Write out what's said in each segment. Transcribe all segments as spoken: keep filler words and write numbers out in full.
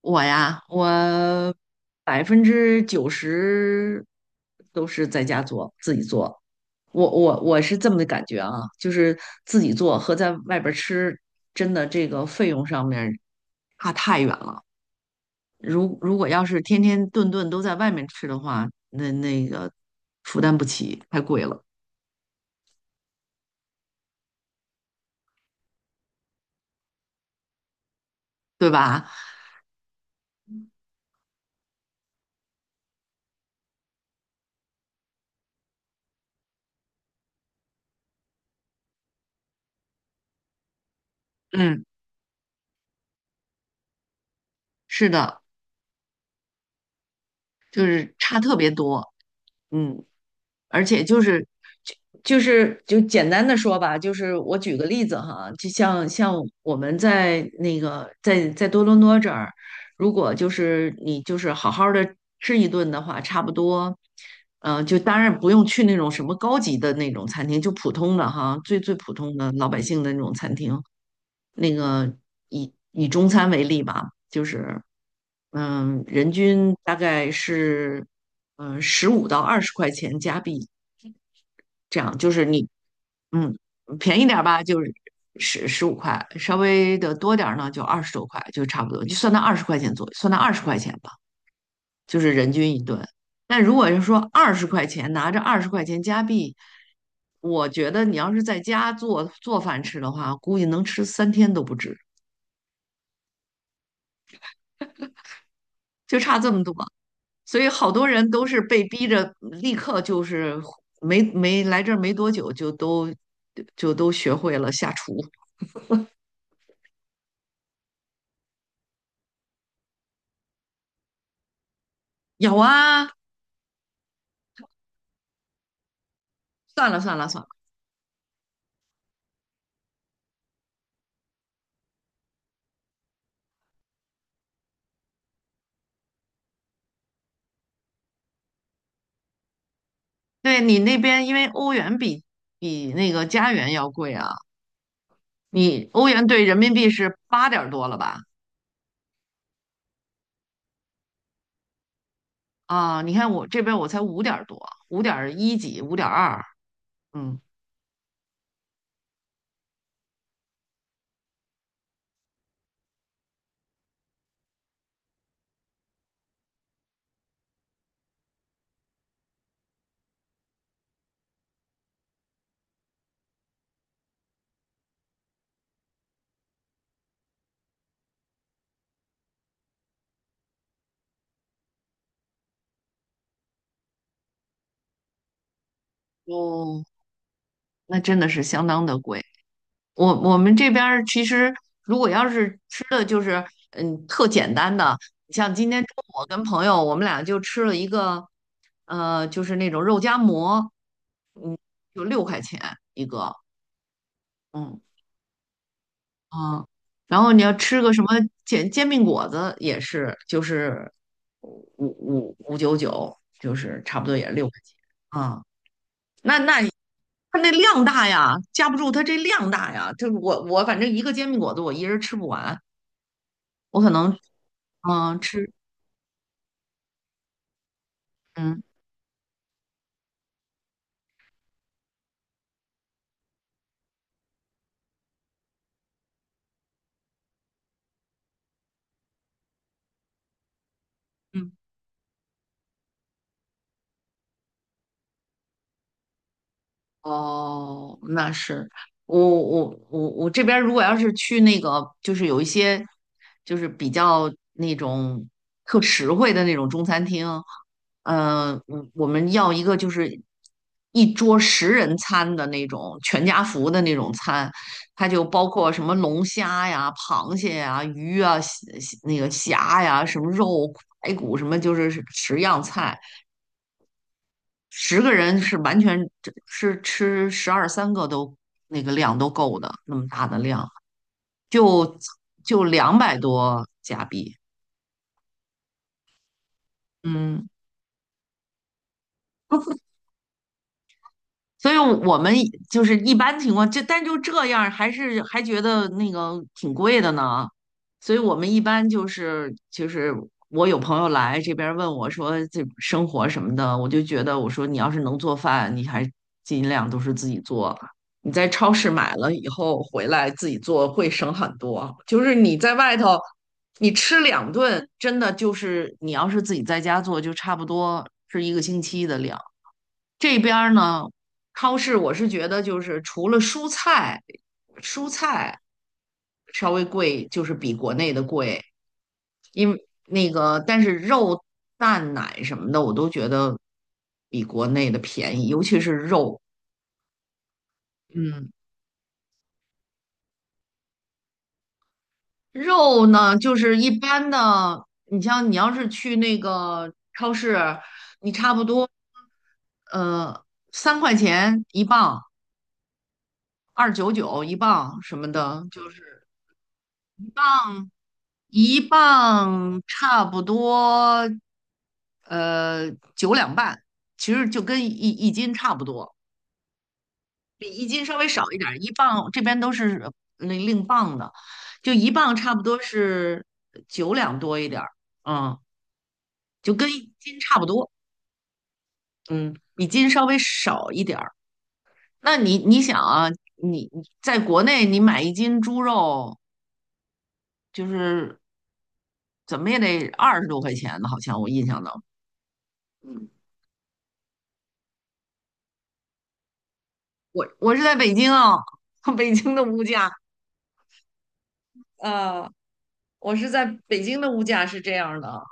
我呀，我百分之九十都是在家做，自己做。我我我是这么的感觉啊，就是自己做和在外边儿吃，真的这个费用上面儿差太远了。如如果要是天天顿顿都在外面吃的话，那那个负担不起，太贵了，对吧？嗯，是的，就是差特别多。嗯，而且就是就就是就简单的说吧，就是我举个例子哈，就像像我们在那个在在多伦多这儿，如果就是你就是好好的吃一顿的话，差不多，呃，就当然不用去那种什么高级的那种餐厅，就普通的哈，最最普通的老百姓的那种餐厅。那个以以中餐为例吧，就是嗯，人均大概是嗯十五到二十块钱加币。这样就是你，嗯，便宜点儿吧，就是十十五块，稍微的多点儿呢，就二十多块，就差不多，就算到二十块钱左右，算到二十块钱吧，就是人均一顿。但如果是说二十块钱，拿着二十块钱加币，我觉得你要是在家做做饭吃的话，估计能吃三天都不止，就差这么多。所以好多人都是被逼着立刻就是没没来这儿没多久就都就都学会了下厨。有啊，算了算了算了。对，你那边因为欧元比比那个加元要贵啊，你欧元兑人民币是八点儿多了吧？啊，你看我这边我才五点儿多，五点一几，五点二，嗯。哦，那真的是相当的贵。我我们这边儿其实如果要是吃的就是嗯特简单的，像今天中午我跟朋友我们俩就吃了一个，呃，就是那种肉夹馍，就六块钱一个。嗯，嗯，然后你要吃个什么煎煎饼果子也是，就是五五五九九，就是差不多也是六块钱啊。那那你它那量大呀，架不住它这量大呀。就我我反正一个煎饼果子我一人吃不完，我可能嗯吃嗯嗯。哦，那是我我我我这边儿如果要是去那个，就是有一些就是比较那种特实惠的那种中餐厅，嗯、呃我我们要一个就是一桌十人餐的那种全家福的那种餐，它就包括什么龙虾呀、螃蟹呀、鱼啊、虾那个虾呀、什么肉、排骨什么，就是十样菜。十个人是完全是吃十二三个都那个量都够的，那么大的量，就就两百多加币。嗯，所以我们就是一般情况，就但就这样，还是还觉得那个挺贵的呢。所以我们一般就是就是我有朋友来这边问我说这生活什么的，我就觉得我说你要是能做饭，你还尽量都是自己做。你在超市买了以后回来自己做会省很多。就是你在外头，你吃两顿，真的就是你要是自己在家做，就差不多是一个星期的量。这边儿呢，超市我是觉得就是除了蔬菜，蔬菜稍微贵，就是比国内的贵。那个，但是肉、蛋、奶什么的，我都觉得比国内的便宜，尤其是肉。嗯，肉呢，就是一般的，你像你要是去那个超市，你差不多呃三块钱一磅，二九九一磅什么的，就是。一磅差不多，呃，九两半，其实就跟一一斤差不多，比一斤稍微少一点儿。一磅这边都是呃那另磅的，就一磅差不多是九两多一点儿，嗯，就跟一斤差不多，嗯，比斤稍微少一点儿。那你你想啊，你你在国内你买一斤猪肉就是怎么也得二十多块钱呢，好像我印象当中。我我是在北京啊，北京的物价，呃，我是在北京的物价是这样的，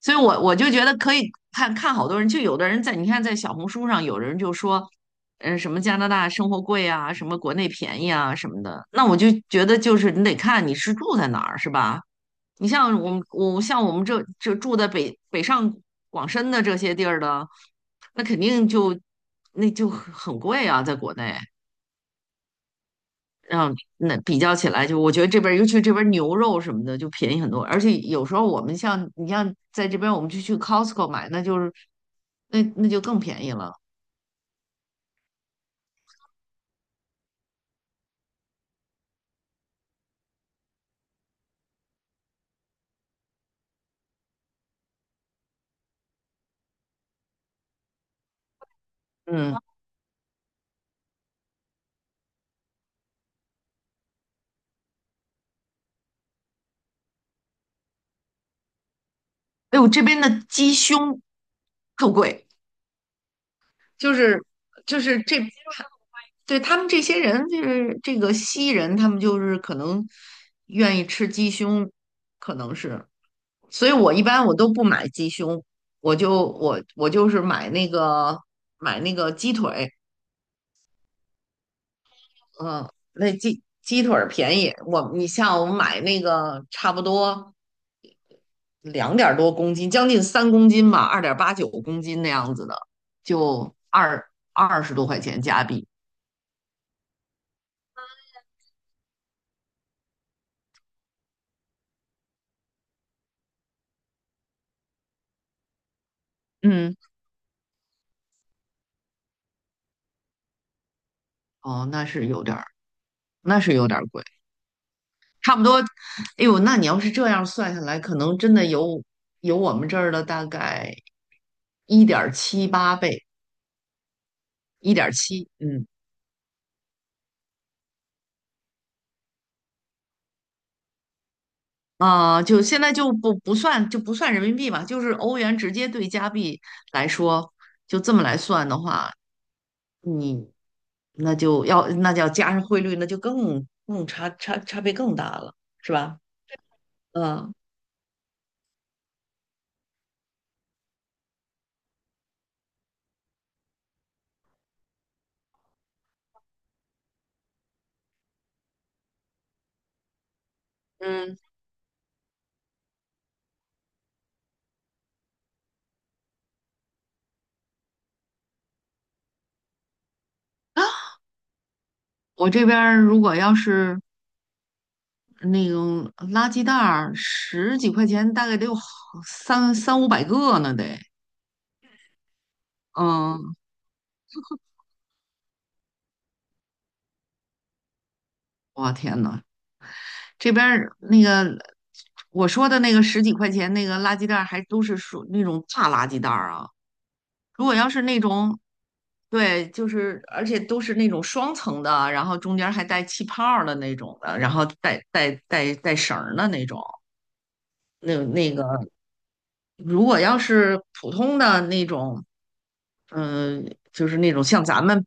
所以我我就觉得可以看看好多人，就有的人在你看在小红书上，有人就说，嗯、什么加拿大生活贵啊，什么国内便宜啊什么的，那我就觉得就是你得看你是住在哪儿，是吧？你像我们我像我们这这住在北北上广深的这些地儿的，那肯定就那就很很贵啊，在国内。嗯，那比较起来就，我觉得这边儿尤其这边儿牛肉什么的就便宜很多，而且有时候我们像你像在这边，我们就去 C o s t c o 买，那就是那那就更便宜了。嗯，哎呦，这边的鸡胸特贵，就是就是这，对他们这些人就是这个西人，他们就是可能愿意吃鸡胸，可能是，所以我一般我都不买鸡胸，我就我我就是买那个买那个鸡腿。嗯，那鸡鸡腿儿便宜，我你像我们买那个差不多两点多公斤，将近三公斤吧，二点八九公斤那样子的，就二二十多块钱加币。嗯，哦，那是有点儿，那是有点儿贵，差不多。哎呦，那你要是这样算下来，可能真的有有我们这儿的大概一点七八倍，一点七，嗯。啊、就现在就不不算就不算人民币吧，就是欧元直接对加币来说，就这么来算的话，你那就要那就要加上汇率，那就更更差差差别更大了，是吧？嗯嗯。我这边儿如果要是那种垃圾袋儿，十几块钱，大概得有好三三五百个呢，得。嗯，我天呐，这边儿那个我说的那个十几块钱那个垃圾袋，还都是属那种大垃圾袋儿啊。如果要是那种，对，就是而且都是那种双层的，然后中间还带气泡儿的那种的，然后带带带带绳儿的那种，那那个。如果要是普通的那种，嗯、就是那种像咱们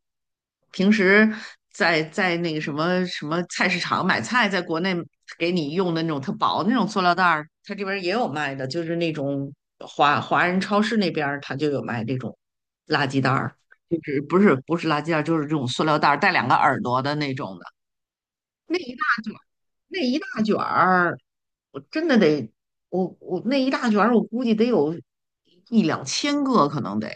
平时在在那个什么什么菜市场买菜，在国内给你用的那种特薄的那种塑料袋儿，它这边儿也有卖的，就是那种华华人超市那边儿它就有卖这种垃圾袋儿，就是不是不是垃圾袋儿，就是这种塑料袋儿带两个耳朵的那种的。那一大卷儿，我真的得，我我那一大卷儿，我估计得有一两千个，可能得，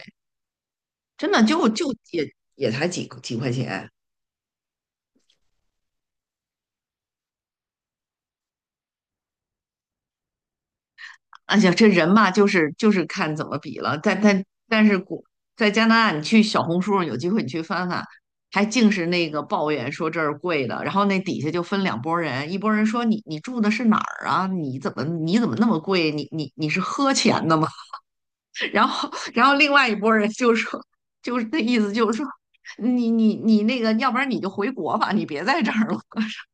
真的就就也也才几几块钱。而呀，这人嘛，就是就是看怎么比了。但但但是国在加拿大，你去小红书上有机会你去翻翻，还净是那个抱怨说这儿贵的，然后那底下就分两拨人，一拨人说你你住的是哪儿啊？你怎么你怎么那么贵？你你你是喝钱的吗？然后然后另外一拨人就说，就是那意思就是说，你你你那个，要不然你就回国吧，你别在这儿了。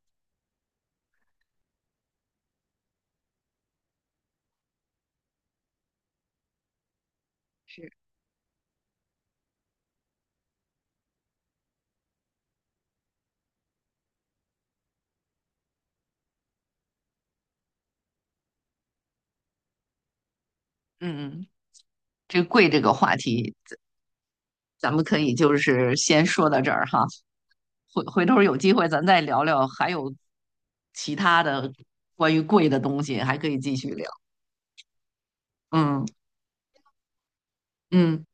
是，嗯，这贵这个话题，咱们可以就是先说到这儿哈，回回头有机会咱再聊聊，还有其他的关于贵的东西，还可以继续聊。嗯嗯。